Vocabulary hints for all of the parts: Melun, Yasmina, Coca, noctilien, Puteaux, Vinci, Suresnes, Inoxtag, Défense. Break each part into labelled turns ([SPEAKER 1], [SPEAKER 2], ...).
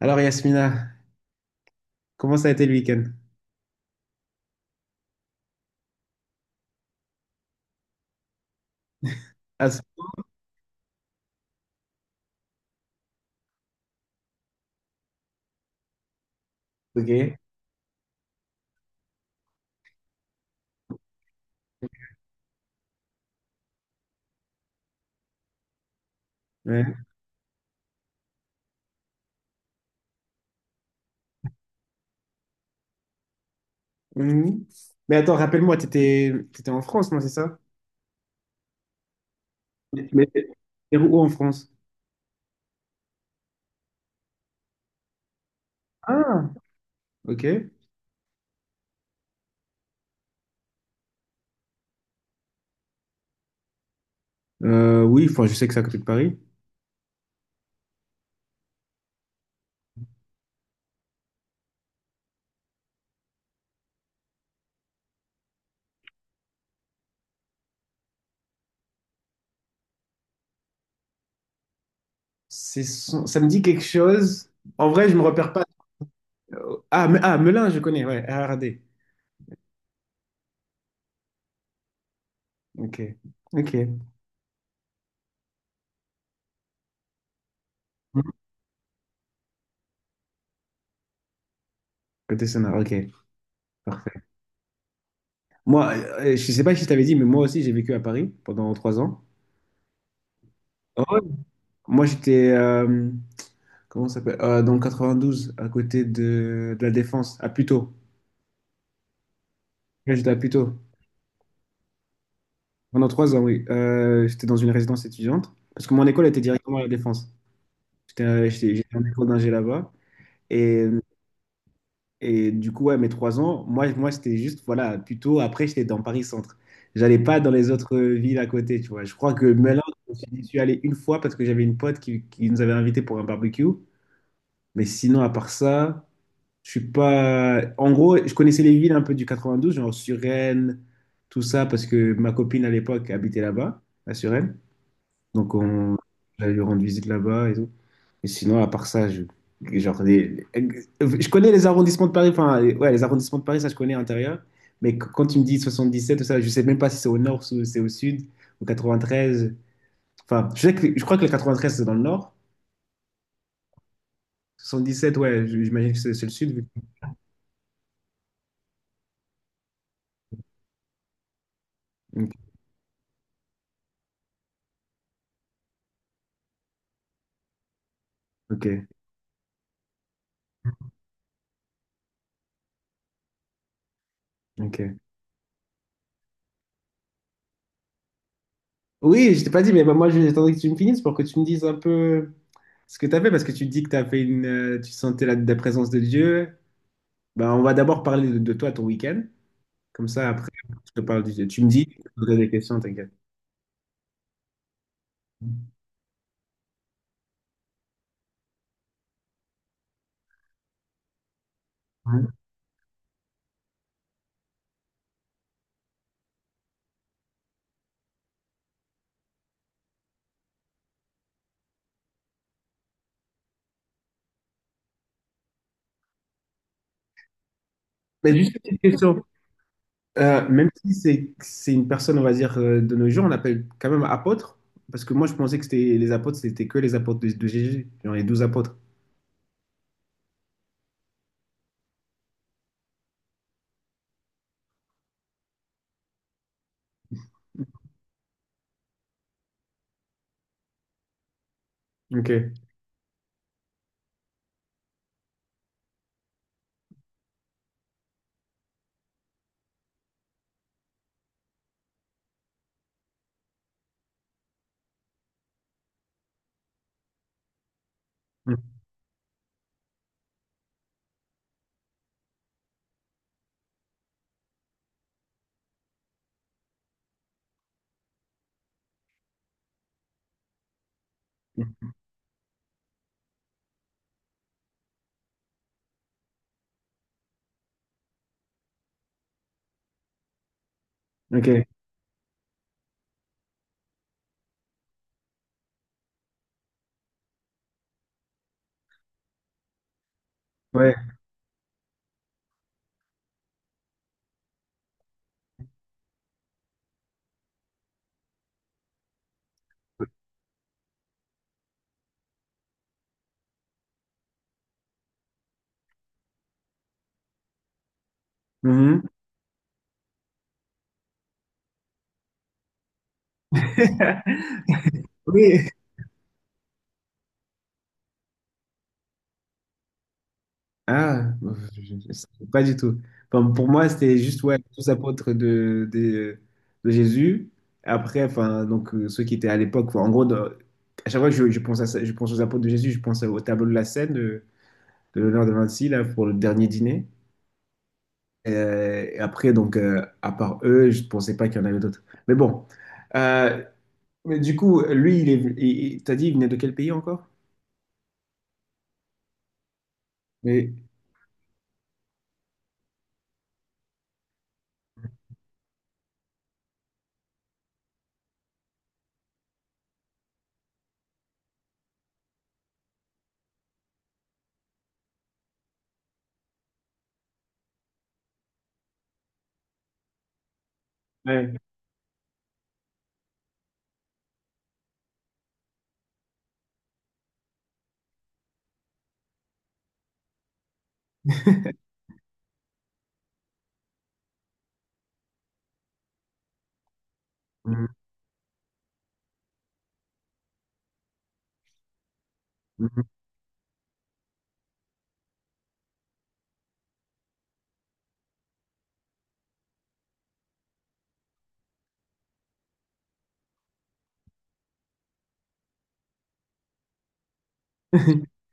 [SPEAKER 1] Alors Yasmina, comment ça a été le week-end? Ah, c'est- ok. Ouais. Mhm. Mais attends, rappelle-moi, t'étais en France, non, c'est ça? Mais t'es où en France? Ah, ok. Oui, enfin, je sais que c'est à côté de Paris. Ça me dit quelque chose. En vrai, je me repère pas. Melun, je connais, ouais, RRD. Ok, ok. Mhm. Côté sonar, ok, parfait. Moi, je sais pas si je t'avais dit, mais moi aussi, j'ai vécu à Paris pendant trois ans. Ah ouais. Moi, j'étais, euh, Comment ça s'appelle? Dans le 92, à côté de la Défense, à Puteaux. Là, j'étais à Puteaux. Pendant trois ans, oui. J'étais dans une résidence étudiante. Parce que mon école était directement à la Défense. J'étais en école d'ingé là-bas. Et, et du coup, ouais, mes trois ans, moi c'était juste, voilà, Puteaux. Après, j'étais dans Paris-Centre. J'allais pas dans les autres villes à côté, tu vois. Je crois que Melun, je suis allé une fois parce que j'avais une pote qui nous avait invités pour un barbecue. Mais sinon, à part ça. Je suis pas. En gros, je connaissais les villes un peu du 92, genre Suresnes, tout ça, parce que ma copine à l'époque habitait là-bas, à Suresnes. Donc, on J'allais lui rendre visite là-bas et tout. Mais sinon, à part ça, genre, les- je connais les arrondissements de Paris, ouais, les arrondissements de Paris, ça, je connais à l'intérieur. Mais quand tu me dis 77, tout ça, je sais même pas si c'est au nord, si c'est au sud, ou 93. Enfin, je sais que, je crois que le 93, c'est dans le nord. 77, ouais, j'imagine que c'est le sud. que- Ok, ok. Oui, je t'ai pas dit, mais moi, j'attendais que tu me finisses pour que tu me dises un peu ce que tu as fait, parce que tu dis que tu as fait une, tu sentais la présence de Dieu. Ben, on va d'abord parler de toi, ton week-end. Comme ça, après, je te parle du Dieu. Tu me dis, je te poserai des questions, t'inquiète. Ouais. Mais juste une petite question. Même si c'est une personne, on va dire, de nos jours, on l'appelle quand même apôtre, parce que moi, je pensais que c'était les apôtres, c'était que les apôtres de Jésus, genre les douze apôtres. Ok. Mm. Ok. Ouais. Mhm. Oui. Ah, je- je- pas du tout. Enfin, pour moi, c'était juste ouais, les tous apôtres de Jésus. Après, enfin, donc, ceux qui étaient à l'époque, à chaque fois que je pense à je pense aux apôtres de Jésus, je pense au tableau de la scène de l'honneur de Vinci, là, pour le dernier dîner. Et après, donc, à part eux, je ne pensais pas qu'il y en avait d'autres. Mais bon. Euh, mais du coup, lui, il est, venu- il- t'as dit, il venait de quel pays encore? Mais, ouais. Mhm. Mhm.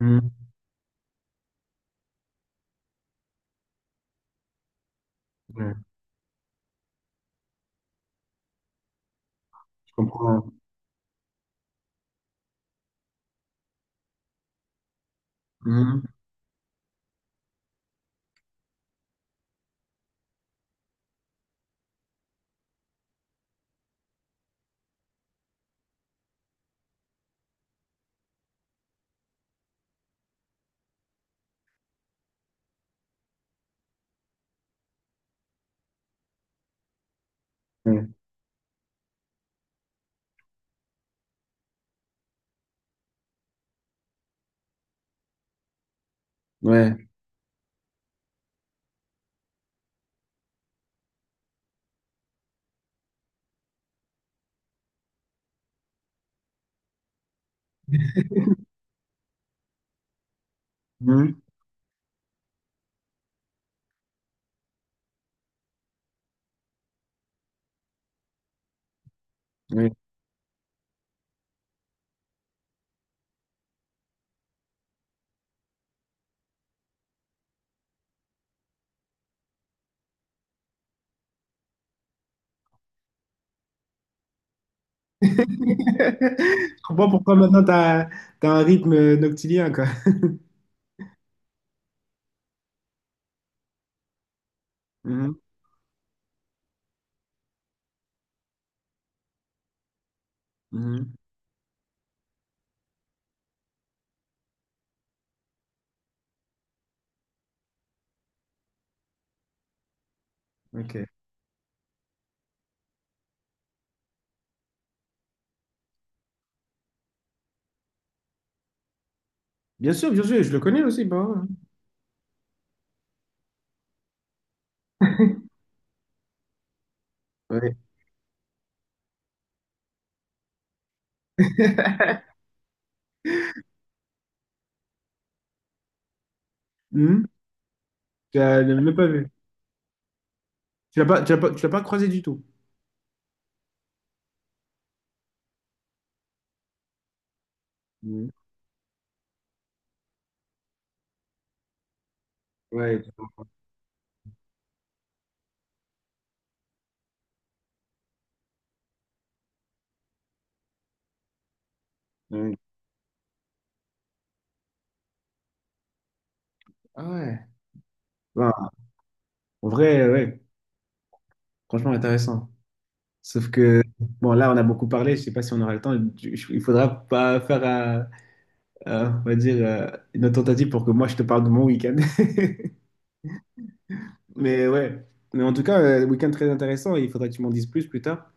[SPEAKER 1] Mhm. Ouais, je comprends. Mhm. Ouais. Ouais. Mhm. Ouais. Je comprends pourquoi maintenant t'as un rythme noctilien, quoi. Mhm. Mhm. Ok. Bien sûr, je le connais aussi, bah ouais. Ouais. Mhm. Tu l'as même pas vu. Tu l'as pas croisé du tout. Mhm. Ouais. Ouais. Ah ouais. Bah, en vrai, ouais, franchement intéressant. Sauf que, bon, là, on a beaucoup parlé, je sais pas si on aura le temps. Il faudra pas faire on va dire, une autre tentative pour que moi je te parle de mon week-end. Mais ouais, mais en tout cas, week-end très intéressant et il faudra que tu m'en dises plus tard.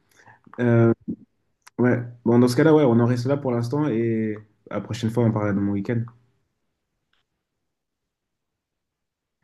[SPEAKER 1] Ouais, bon, dans ce cas-là, ouais, on en reste là pour l'instant et la prochaine fois, on parlera de mon week-end.